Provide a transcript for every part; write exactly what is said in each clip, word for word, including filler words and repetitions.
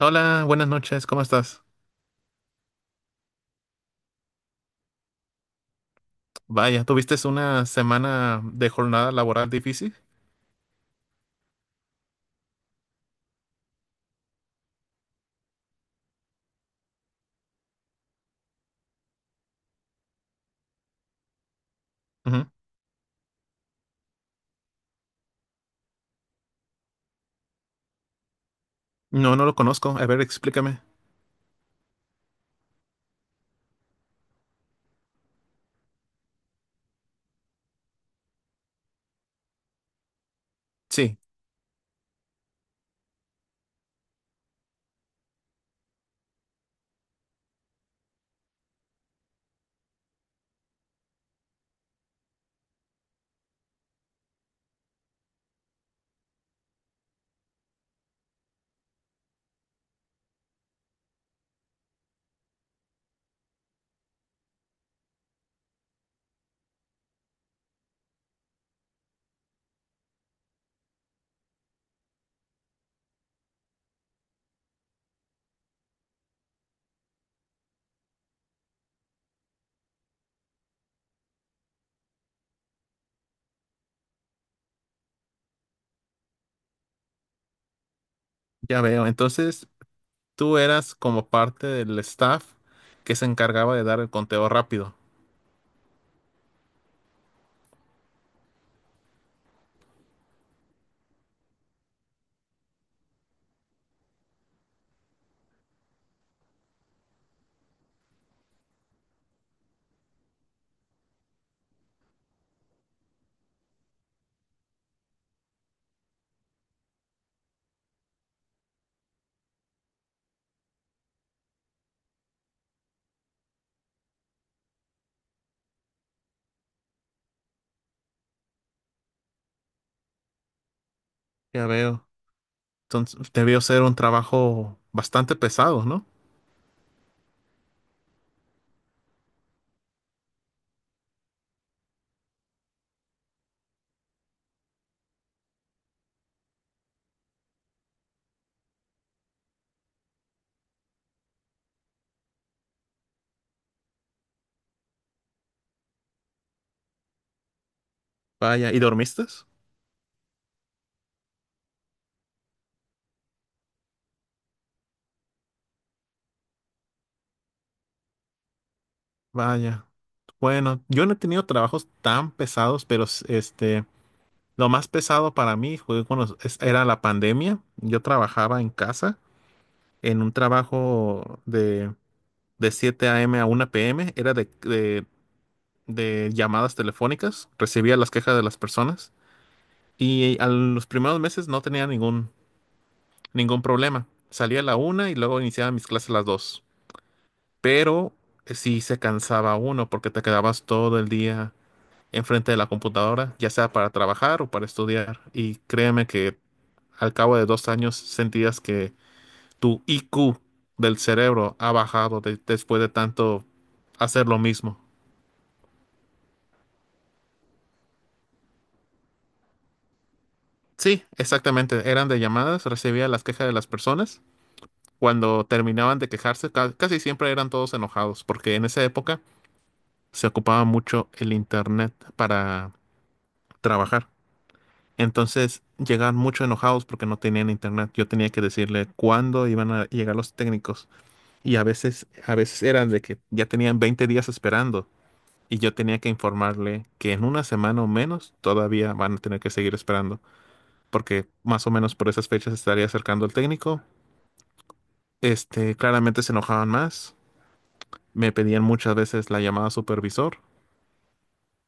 Hola, buenas noches, ¿cómo estás? Vaya, ¿tuviste una semana de jornada laboral difícil? Ujú. No, no lo conozco. A ver, explícame. Sí, ya veo. Entonces, tú eras como parte del staff que se encargaba de dar el conteo rápido. Ya veo. Entonces, debió ser un trabajo bastante pesado, ¿no? Vaya, ¿y dormiste? Vaya. Bueno, yo no he tenido trabajos tan pesados, pero s- este, lo más pesado para mí fue cuando es- era la pandemia. Yo trabajaba en casa en un trabajo de, de siete a m a una p m. Era de, de- de llamadas telefónicas, recibía las quejas de las personas y a los primeros meses no tenía ningún, ningún problema. Salía a la una y luego iniciaba mis clases a las dos. Pero eh, sí se cansaba uno porque te quedabas todo el día enfrente de la computadora, ya sea para trabajar o para estudiar. Y créeme que al cabo de dos años sentías que tu I Q del cerebro ha bajado de- después de tanto hacer lo mismo. Sí, exactamente. Eran de llamadas, recibía las quejas de las personas. Cuando terminaban de quejarse, ca- casi siempre eran todos enojados, porque en esa época se ocupaba mucho el internet para trabajar. Entonces llegaban mucho enojados porque no tenían internet. Yo tenía que decirle cuándo iban a llegar los técnicos. Y a veces, a veces eran de que ya tenían veinte días esperando y yo tenía que informarle que en una semana o menos todavía van a tener que seguir esperando, porque más o menos por esas fechas estaría acercando el técnico. Este, claramente se enojaban más, me pedían muchas veces la llamada supervisor,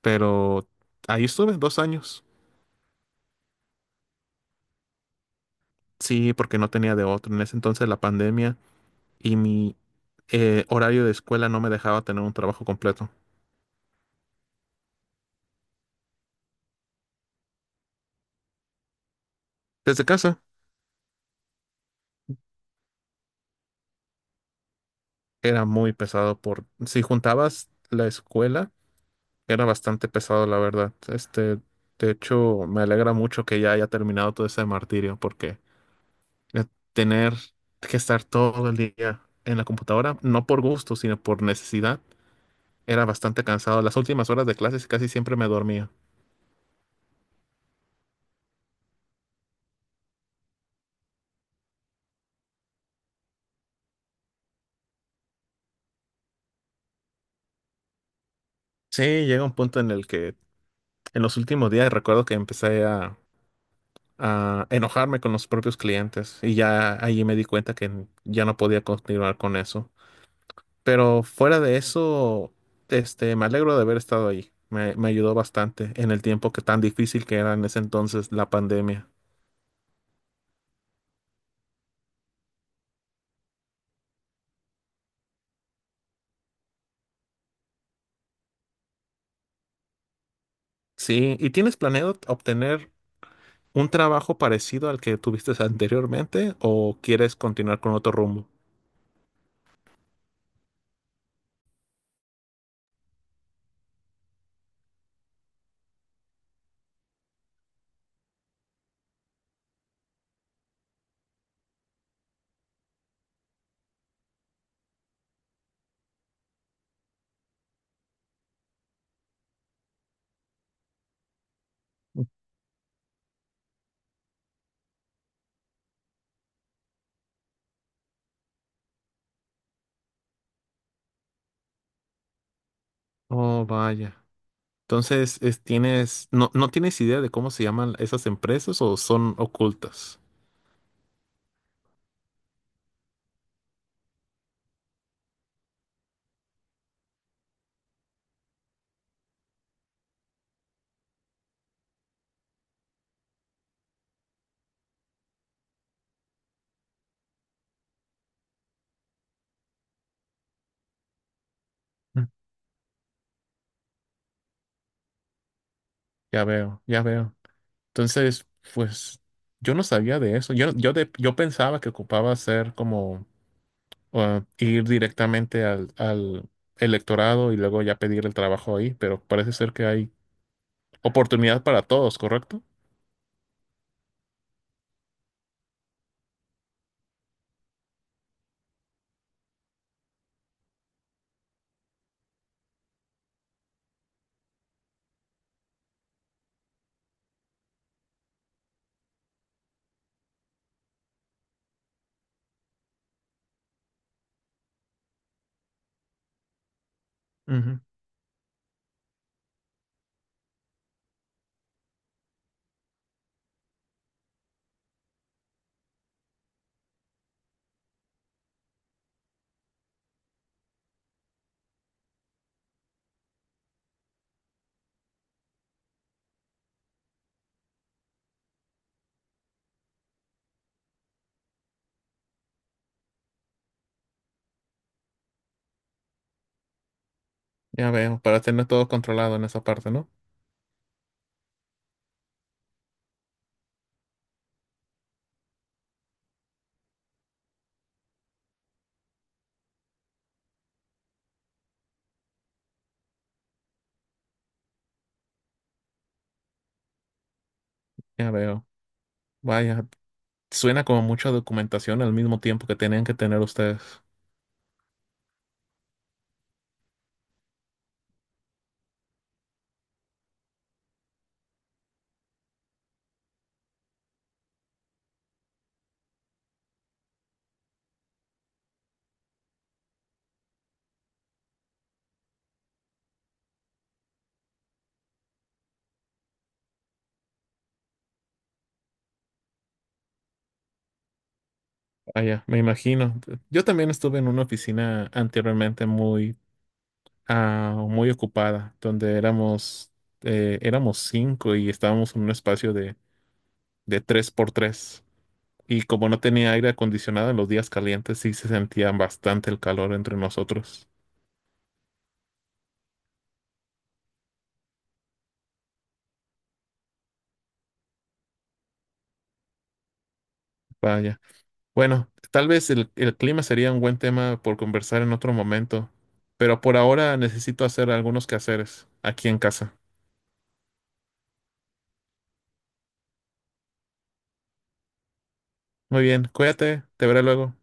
pero ahí estuve dos años. Sí, porque no tenía de otro. En ese entonces la pandemia y mi eh, horario de escuela no me dejaba tener un trabajo completo. Desde casa era muy pesado por si juntabas la escuela. Era bastante pesado, la verdad. Este, de hecho, me alegra mucho que ya haya terminado todo ese martirio, porque eh, tener que estar todo el día en la computadora, no por gusto, sino por necesidad, era bastante cansado. Las últimas horas de clases casi siempre me dormía. Sí, llega un punto en el que en los últimos días recuerdo que empecé a, a enojarme con los propios clientes y ya allí me di cuenta que ya no podía continuar con eso. Pero fuera de eso, este, me alegro de haber estado ahí. Me, me ayudó bastante en el tiempo que tan difícil que era en ese entonces la pandemia. Sí, ¿y tienes planeado obtener un trabajo parecido al que tuviste anteriormente o quieres continuar con otro rumbo? Oh, vaya. Entonces, es- tienes, no, no tienes idea de cómo se llaman esas empresas o son ocultas. Mm. Ya veo, ya veo. Entonces, pues yo no sabía de eso. Yo, yo, de- yo pensaba que ocupaba ser como o ir directamente al, al electorado y luego ya pedir el trabajo ahí, pero parece ser que hay oportunidad para todos, ¿correcto? Ujú, ya veo, para tener todo controlado en esa parte, ¿no? Ya veo. Vaya, suena como mucha documentación al mismo tiempo que tenían que tener ustedes. Vaya, me imagino. Yo también estuve en una oficina anteriormente muy, ah, muy ocupada, donde éramos, eh, éramos cinco y estábamos en un espacio de, de, tres por tres. Y como no tenía aire acondicionado en los días calientes, sí se sentía bastante el calor entre nosotros. Vaya. Bueno, tal vez el, el clima sería un buen tema por conversar en otro momento, pero por ahora necesito hacer algunos quehaceres aquí en casa. Muy bien, cuídate, te veré luego.